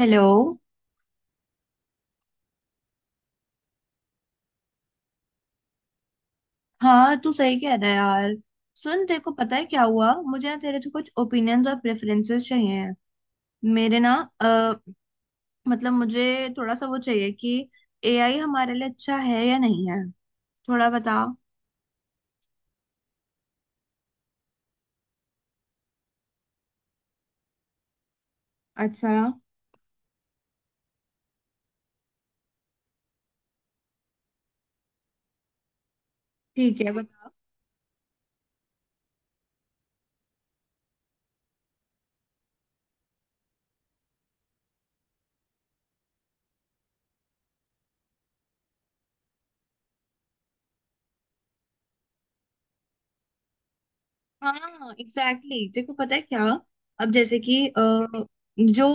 Hello. हाँ तू सही कह रहा है यार। सुन, तेरे को पता है क्या हुआ मुझे? ना तेरे से कुछ ओपिनियंस और प्रेफरेंसेस चाहिए हैं मेरे ना। अ, मतलब मुझे थोड़ा सा वो चाहिए कि एआई हमारे लिए अच्छा है या नहीं है, थोड़ा बता। अच्छा। ठीक है। हाँ एग्जैक्टली exactly। देखो पता है क्या, अब जैसे कि जो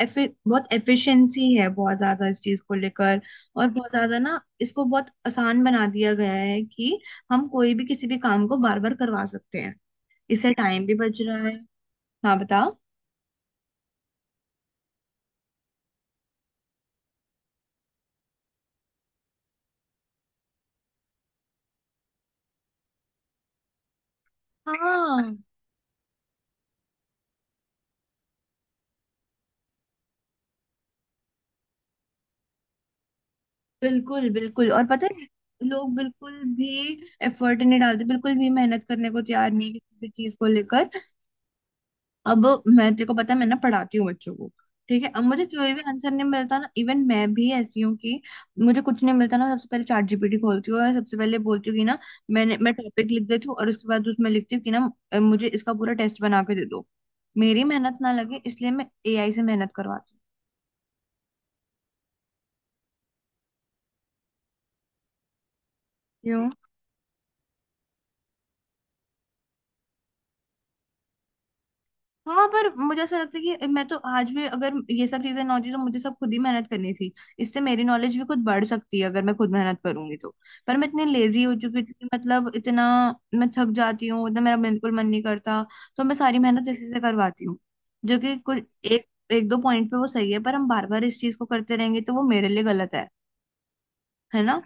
बहुत एफिशिएंसी है बहुत ज्यादा इस चीज को लेकर। और बहुत ज्यादा ना इसको बहुत आसान बना दिया गया है कि हम कोई भी किसी भी काम को बार बार करवा सकते हैं। इससे टाइम भी बच रहा है। हाँ बताओ। हाँ। बिल्कुल बिल्कुल। और पता है लोग बिल्कुल भी एफर्ट नहीं डालते, बिल्कुल भी मेहनत करने को तैयार नहीं है किसी भी चीज को लेकर। अब मैं, तेरे को पता है, मैं ना पढ़ाती हूँ बच्चों को, ठीक है। अब मुझे कोई भी आंसर नहीं मिलता ना, इवन मैं भी ऐसी हूँ कि मुझे कुछ नहीं मिलता ना सबसे पहले चैट जीपीटी खोलती हूँ और सबसे पहले बोलती हूँ कि ना मैं टॉपिक लिख देती हूँ और उसके बाद उसमें लिखती हूँ कि ना मुझे इसका पूरा टेस्ट बना के दे दो। मेरी मेहनत ना लगे इसलिए मैं एआई से मेहनत करवाती हूँ। क्यों? हाँ पर मुझे ऐसा लगता है कि मैं तो आज भी अगर ये सब चीजें ना होती तो मुझे सब खुद ही मेहनत करनी थी। इससे मेरी नॉलेज भी खुद बढ़ सकती है अगर मैं खुद मेहनत करूंगी तो। पर मैं इतनी लेजी हो चुकी हूँ, मतलब इतना मैं थक जाती हूँ, इतना मेरा बिल्कुल मन नहीं करता तो मैं सारी मेहनत इसी से करवाती हूँ जो कि कुछ एक एक दो पॉइंट पे वो सही है, पर हम बार बार इस चीज को करते रहेंगे तो वो मेरे लिए गलत है ना।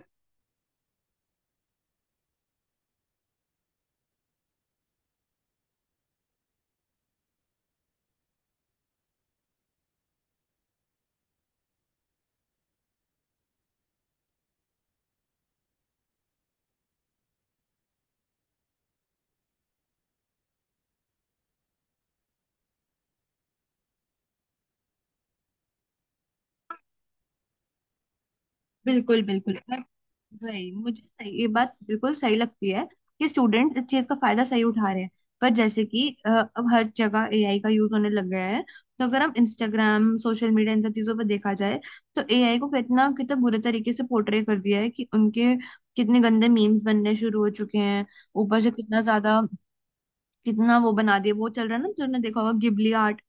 बिल्कुल बिल्कुल। वही, मुझे सही ये बात बिल्कुल सही लगती है कि स्टूडेंट इस चीज का फायदा सही उठा रहे हैं। पर जैसे कि अब हर जगह एआई का यूज होने लग गया है तो अगर हम इंस्टाग्राम, सोशल मीडिया, इन सब चीजों पर देखा जाए तो एआई को कितना कितना बुरे तरीके से पोर्ट्रे कर दिया है कि उनके कितने गंदे मीम्स बनने शुरू हो चुके हैं, ऊपर से कितना ज्यादा कितना वो बना दिया। वो चल रहा है ना, तुमने देखा होगा गिबली आर्ट,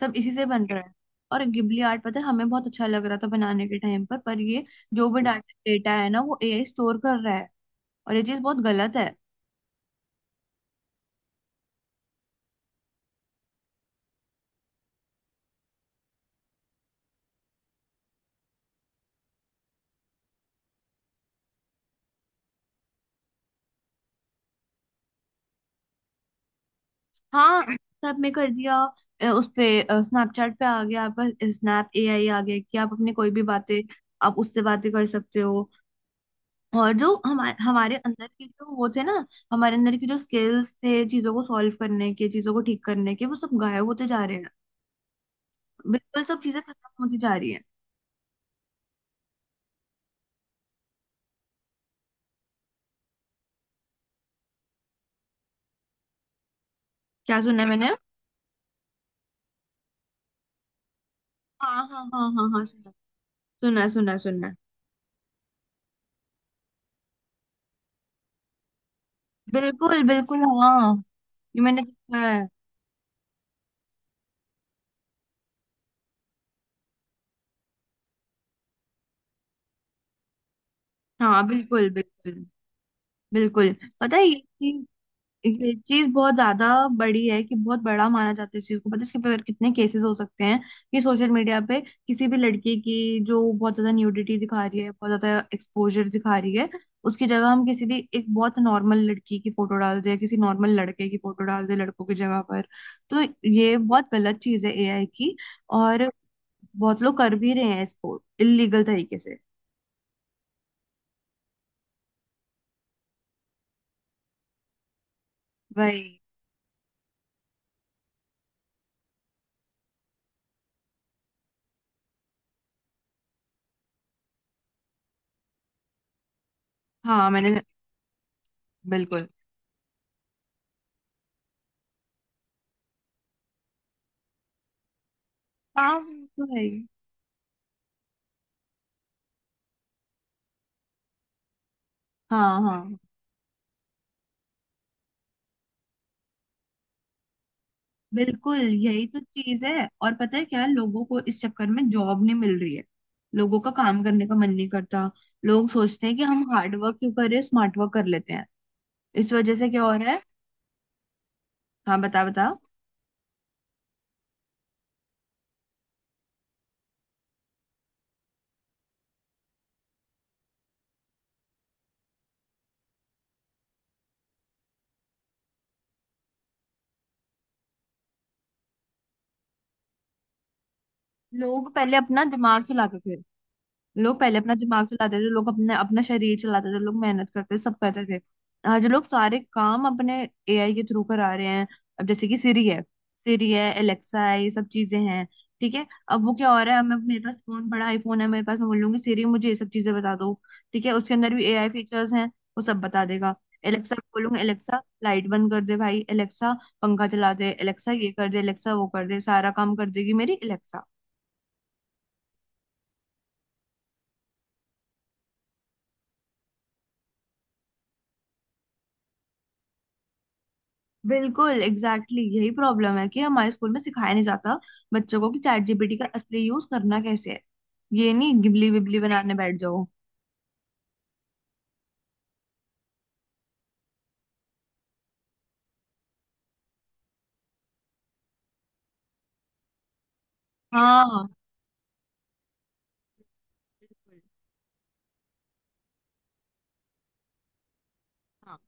सब इसी से बन रहा है। और गिबली आर्ट, पता है हमें बहुत अच्छा लग रहा था बनाने के टाइम पर ये जो भी डाटा डेटा है ना वो एआई स्टोर कर रहा है, और ये चीज बहुत गलत है। हाँ व्हाट्सएप में कर दिया। उस पे स्नैपचैट पे आ गया आपका स्नैप एआई आ गया कि आप अपनी कोई भी बातें आप उससे बातें कर सकते हो। और जो हमारे हमारे अंदर के जो वो थे ना, हमारे अंदर की जो स्किल्स थे चीजों को सॉल्व करने के, चीजों को ठीक करने के, वो सब गायब होते जा रहे हैं। बिल्कुल सब चीजें खत्म होती जा रही है। क्या सुना है मैंने? हाँ हाँ हाँ हाँ हाँ सुना। सुना है, सुना है, सुना है। बिल्कुल बिल्कुल हाँ। ये मैंने देखा है। हाँ बिल्कुल बिल्कुल। बिल्कुल। पता है ये चीज बहुत ज्यादा बड़ी है कि बहुत बड़ा माना जाता है इस चीज को। पता है इसके पर कितने केसेस हो सकते हैं कि सोशल मीडिया पे किसी भी लड़की की जो बहुत ज्यादा न्यूडिटी दिखा रही है, बहुत ज्यादा एक्सपोजर दिखा रही है, उसकी जगह हम किसी भी एक बहुत नॉर्मल लड़की की फोटो डाल दें, किसी नॉर्मल लड़के की फोटो डाल दें लड़कों की जगह पर, तो ये बहुत गलत चीज है एआई की। और बहुत लोग कर भी रहे हैं इसको इलीगल तरीके से। वही। हाँ मैंने। बिल्कुल। हाँ वो तो है ही। हाँ हाँ। बिल्कुल यही तो चीज है। और पता है क्या, लोगों को इस चक्कर में जॉब नहीं मिल रही है, लोगों का काम करने का मन नहीं करता, लोग सोचते हैं कि हम हार्ड वर्क क्यों कर रहे हैं स्मार्ट वर्क कर लेते हैं। इस वजह से क्या हो रहा है। हाँ बता बता। लोग पहले अपना दिमाग चला के, लोग पहले अपना दिमाग चलाते थे, लोग अपने अपना शरीर चलाते थे, लोग मेहनत करते थे, सब करते थे। आज लोग सारे काम अपने एआई के थ्रू करा रहे हैं। अब जैसे कि सिरी है, सिरी है, एलेक्सा है, ये सब चीजें हैं ठीक है। अब वो क्या हो रहा है, मैं मेरे पास फोन बड़ा आईफोन है मेरे पास, मैं बोल लूंगी सिरी मुझे ये सब चीजें बता दो, ठीक है। उसके अंदर भी एआई फीचर्स हैं, वो सब बता देगा। एलेक्सा को बोलूंगी एलेक्सा लाइट बंद कर दे भाई, एलेक्सा पंखा चला दे, एलेक्सा ये कर दे, एलेक्सा वो कर दे, सारा काम कर देगी मेरी एलेक्सा। बिल्कुल एग्जैक्टली exactly, यही प्रॉब्लम है कि हमारे स्कूल में सिखाया नहीं जाता बच्चों को कि चैट जीपीटी का असली यूज करना कैसे है। ये नहीं गिबली विबली बनाने बैठ जाओ। हाँ बिल्कुल, हाँ।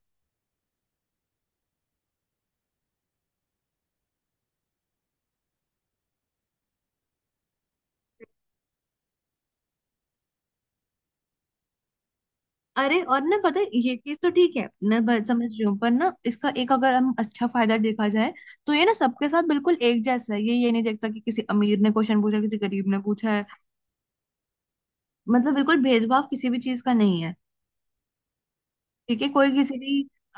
अरे और ना पता है ये चीज तो ठीक है, मैं समझ रही हूँ, पर ना इसका एक अगर हम अच्छा फायदा देखा जाए तो ये ना सबके साथ बिल्कुल एक जैसा है, ये नहीं देखता कि किसी अमीर ने क्वेश्चन पूछा किसी गरीब ने पूछा है। मतलब बिल्कुल भेदभाव किसी भी चीज का नहीं है, ठीक है। कोई किसी भी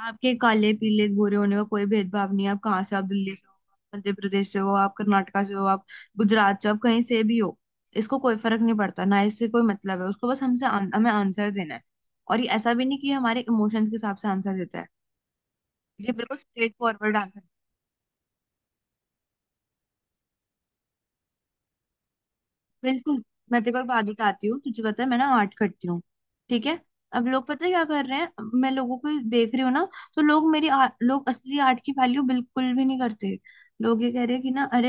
आपके काले पीले गोरे होने का कोई भेदभाव नहीं है। आप कहाँ से हो, आप दिल्ली से हो, आप मध्य प्रदेश से हो, आप कर्नाटका से हो, आप गुजरात से हो, आप कहीं से भी हो, इसको कोई फर्क नहीं पड़ता। ना इससे कोई मतलब है उसको, बस हमसे हमें आंसर देना है। और ये ऐसा भी नहीं कि ये हमारे इमोशंस के हिसाब से आंसर देता है, ये बिल्कुल स्ट्रेट फॉरवर्ड आंसर। बिल्कुल। मैं तेरे को एक बात बताती हूँ, तुझे पता है मैं ना आर्ट करती हूँ, ठीक है। अब लोग पता है क्या कर रहे हैं, मैं लोगों को देख रही हूँ ना, तो लोग लोग असली आर्ट की वैल्यू बिल्कुल भी नहीं करते। लोग ये कह रहे हैं कि ना अरे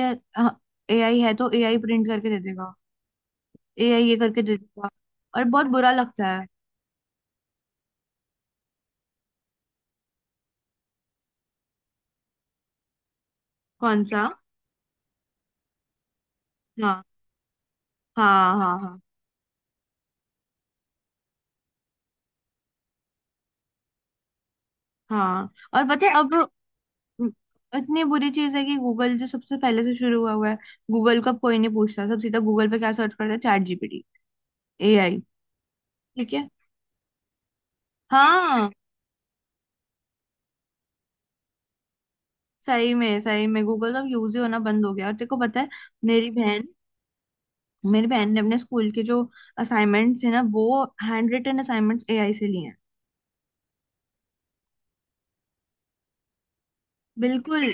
एआई है तो एआई प्रिंट करके दे देगा, एआई ये करके दे देगा, और बहुत बुरा लगता है। कौन सा? हाँ हाँ हाँ हाँ हाँ। और पता है अब इतनी बुरी चीज है कि गूगल जो सबसे पहले से शुरू हुआ हुआ है, गूगल को अब कोई नहीं पूछता, सब सीधा गूगल पे क्या सर्च करते हैं, चैट जीपीटी, एआई, ठीक है। हाँ, सही में गूगल तो अब यूज ही होना बंद हो गया। और तेरे को पता है मेरी बहन, ने अपने स्कूल के जो असाइनमेंट्स है ना वो हैंड रिटन असाइनमेंट्स एआई से लिए हैं। बिल्कुल।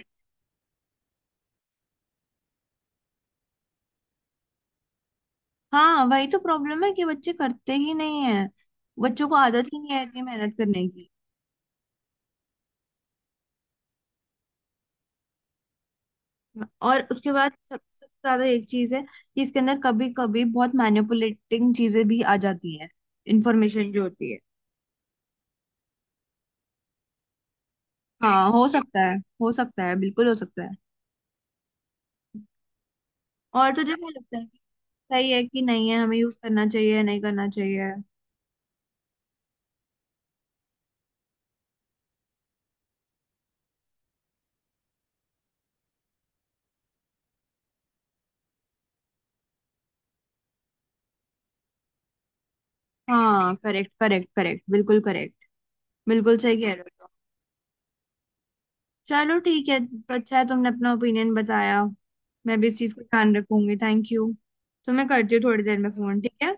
हाँ वही तो प्रॉब्लम है कि बच्चे करते ही नहीं है, बच्चों को आदत ही नहीं है इतनी मेहनत करने की। और उसके बाद सबसे ज्यादा एक चीज है कि इसके अंदर कभी कभी बहुत मैनिपुलेटिंग चीजें भी आ जाती हैं, इंफॉर्मेशन जो होती है। हाँ हो सकता है, हो सकता है, बिल्कुल हो सकता है। और तुझे क्या लगता है, सही है कि नहीं है, हमें यूज करना चाहिए या नहीं करना चाहिए? हाँ करेक्ट करेक्ट करेक्ट बिल्कुल करेक्ट। बिल्कुल सही कह रहे हो। चलो ठीक है, अच्छा है तुमने अपना ओपिनियन बताया, मैं भी इस चीज का ध्यान रखूंगी। Thank you. तो मैं करती हूँ थोड़ी देर में फोन, ठीक है।